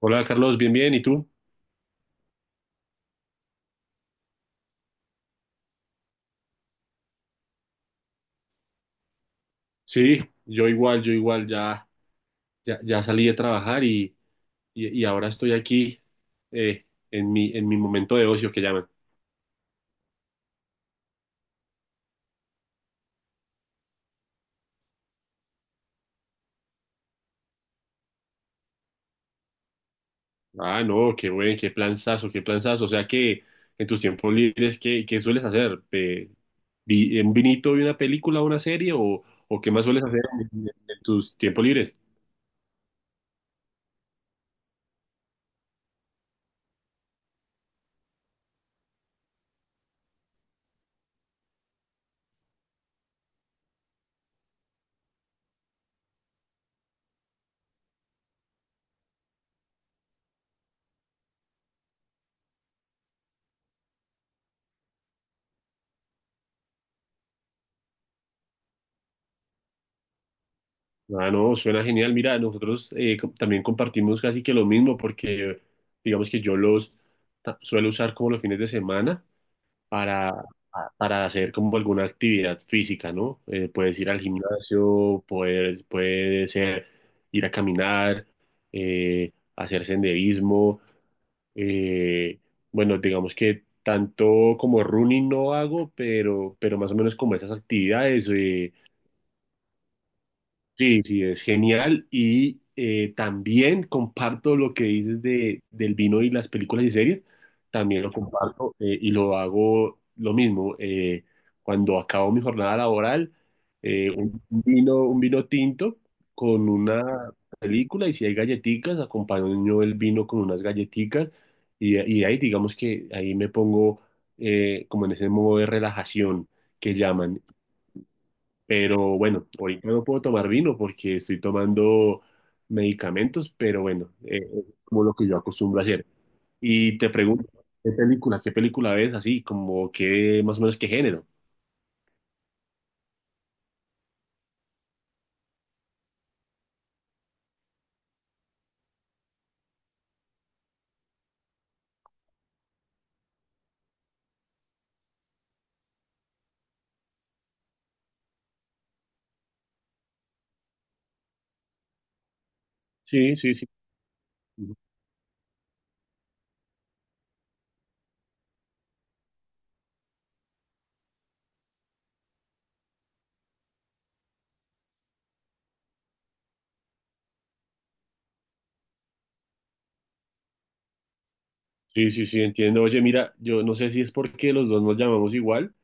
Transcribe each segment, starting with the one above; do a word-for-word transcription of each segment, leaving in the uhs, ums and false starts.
Hola Carlos, bien, bien, ¿y tú? Sí, yo igual, yo igual, ya, ya, ya salí de trabajar y, y, y ahora estoy aquí eh, en mi, en mi momento de ocio que llaman. Ah, no, qué buen, qué planzazo, qué planzazo. O sea que en tus tiempos libres, ¿qué, qué sueles hacer? Eh, vi- ¿un vinito y una película, o una serie o, o qué más sueles hacer en, en en tus tiempos libres? Ah, no, suena genial. Mira, nosotros eh, co- también compartimos casi que lo mismo porque digamos que yo los ta- suelo usar como los fines de semana para, para hacer como alguna actividad física, ¿no? Eh, puedes ir al gimnasio, puedes, puede ser ir a caminar, eh, hacer senderismo. Eh, bueno, digamos que tanto como running no hago, pero, pero más o menos como esas actividades. Eh, Sí, sí, es genial. Y eh, también comparto lo que dices de, del vino y las películas y series. También lo comparto eh, y lo hago lo mismo. Eh, cuando acabo mi jornada laboral, eh, un vino, un vino tinto con una película, y si hay galletitas, acompaño el vino con unas galletitas, y, y ahí digamos que ahí me pongo eh, como en ese modo de relajación que llaman. Pero bueno, ahorita no puedo tomar vino porque estoy tomando medicamentos, pero bueno, eh, es como lo que yo acostumbro a hacer. Y te pregunto, ¿qué película, qué película ves así, como qué, más o menos qué género? Sí, sí, sí. Sí, sí, sí, entiendo. Oye, mira, yo no sé si es porque los dos nos llamamos igual,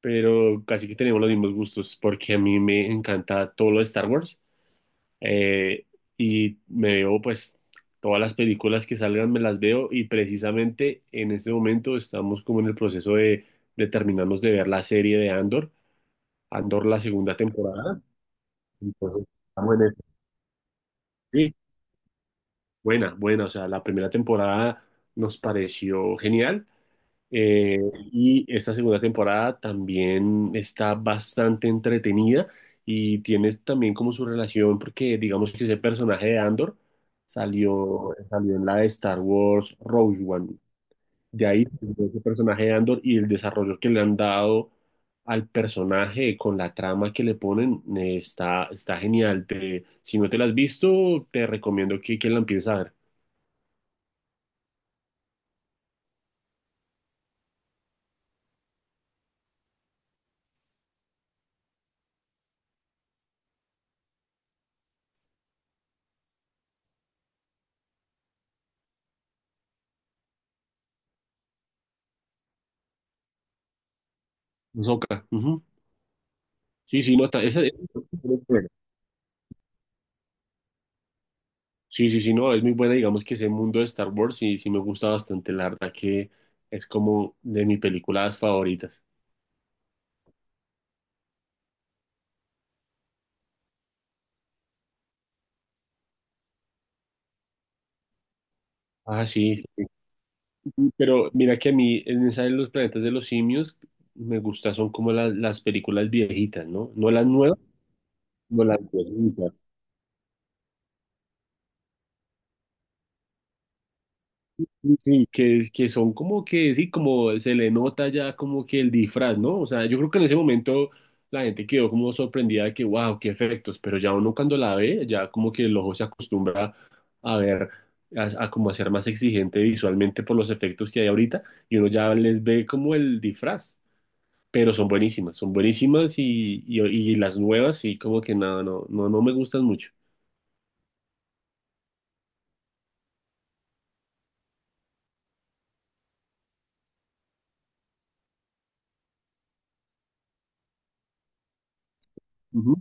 pero casi que tenemos los mismos gustos, porque a mí me encanta todo lo de Star Wars. Eh, y me veo pues todas las películas que salgan, me las veo, y precisamente en este momento estamos como en el proceso de, de terminarnos de ver la serie de Andor, Andor, la segunda temporada. Entonces, estamos en eso. Sí, buena, buena, o sea, la primera temporada nos pareció genial. Eh, y esta segunda temporada también está bastante entretenida y tiene también como su relación, porque digamos que ese personaje de Andor salió, salió en la de Star Wars Rogue One. De ahí salió ese personaje de Andor, y el desarrollo que le han dado al personaje con la trama que le ponen eh, está, está genial. Te- si no te la has visto, te recomiendo que, que la empieces a ver. Ahsoka, ujú. Sí, sí, no, está- esa, sí, sí, sí, no, es muy buena, digamos que ese mundo de Star Wars sí, sí me gusta bastante, la verdad que es como de mis películas favoritas. Ah, sí, sí, sí, pero mira que a mí en esa de los planetas de los simios me gusta, son como las, las películas viejitas, ¿no? No las nuevas, no las viejitas. Sí, que, que son como que, sí, como se le nota ya como que el disfraz, ¿no? O sea, yo creo que en ese momento la gente quedó como sorprendida de que, wow, qué efectos, pero ya uno cuando la ve, ya como que el ojo se acostumbra a ver, a, a como a ser más exigente visualmente por los efectos que hay ahorita, y uno ya les ve como el disfraz, pero son buenísimas, son buenísimas, y, y, y las nuevas sí, como que nada, no, no, no me gustan mucho. Ujú.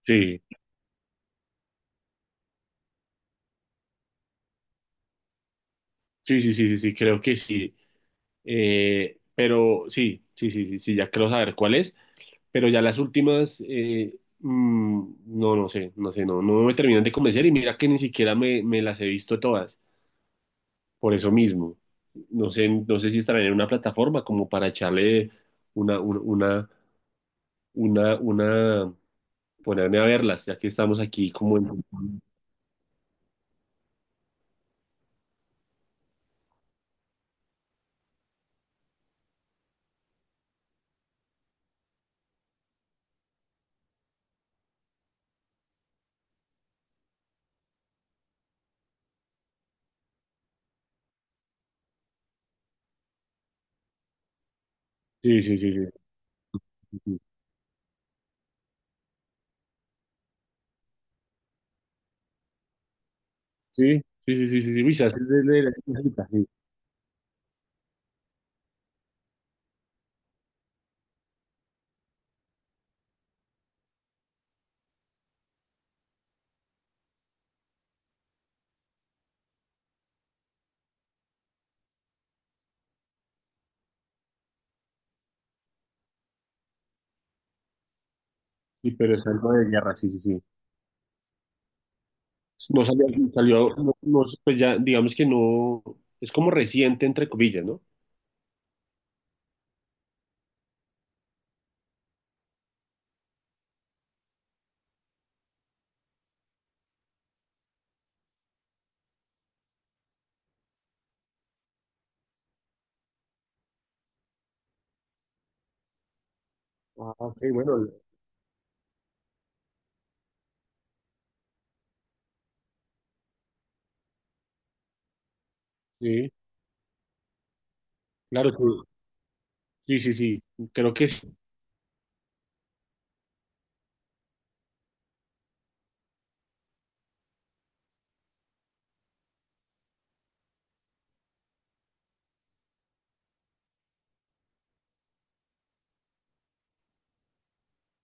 Sí, sí, sí, sí, sí, sí, creo que sí. Eh, pero sí, sí, sí, sí, sí, ya quiero saber cuál es. Pero ya las últimas, eh, mm, no, no sé, no sé, no, no me terminan de convencer, y mira que ni siquiera me, me las he visto todas, por eso mismo. No sé, no sé si estará en una plataforma como para echarle una, una, una, una, una- ponerme a verlas, ya que estamos aquí como en... Sí, sí, sí, sí. Sí, sí, sí, sí, sí, sí, sí, sí, uy, se hace de- de- de- de- sí, sí, pero es algo de guerra, sí, sí, sí. No salió, salió no- no, pues ya, digamos que no, es como reciente, entre comillas, ¿no? Ah, ok, bueno, sí, claro, sí, sí, sí, sí, creo que sí,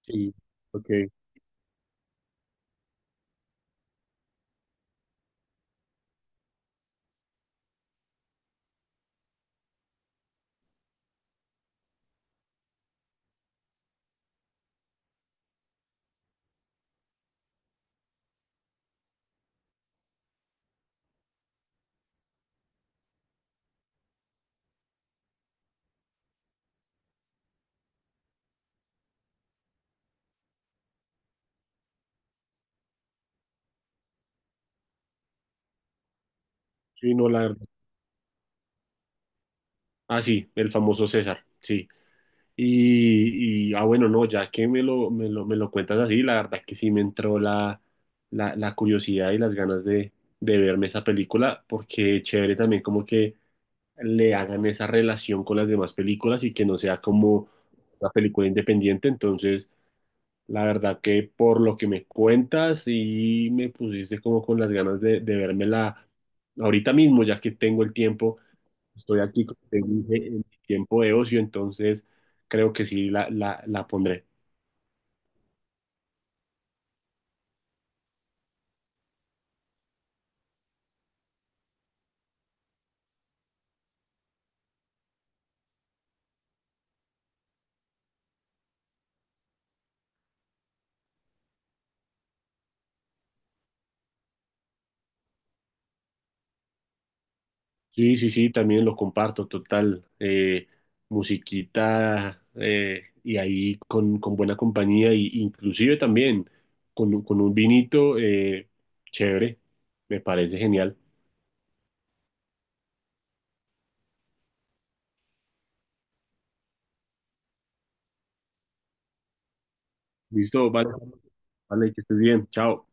sí, ok, sí, no, la verdad. Ah, sí, el famoso César, sí. Y, y, ah, bueno, no, ya que me lo, me lo, me lo cuentas así, la verdad que sí me entró la, la, la curiosidad y las ganas de, de verme esa película, porque chévere también como que le hagan esa relación con las demás películas y que no sea como una película independiente. Entonces, la verdad que por lo que me cuentas y me pusiste como con las ganas de, de vérmela ahorita mismo, ya que tengo el tiempo, estoy aquí, como te dije, en mi tiempo de ocio, entonces creo que sí la, la, la pondré. Sí, sí, sí, también lo comparto, total. Eh, musiquita, eh, y ahí con, con buena compañía, y, inclusive también con, un- con un vinito, eh, chévere, me parece genial. Listo, vale, vale, que estés bien, chao.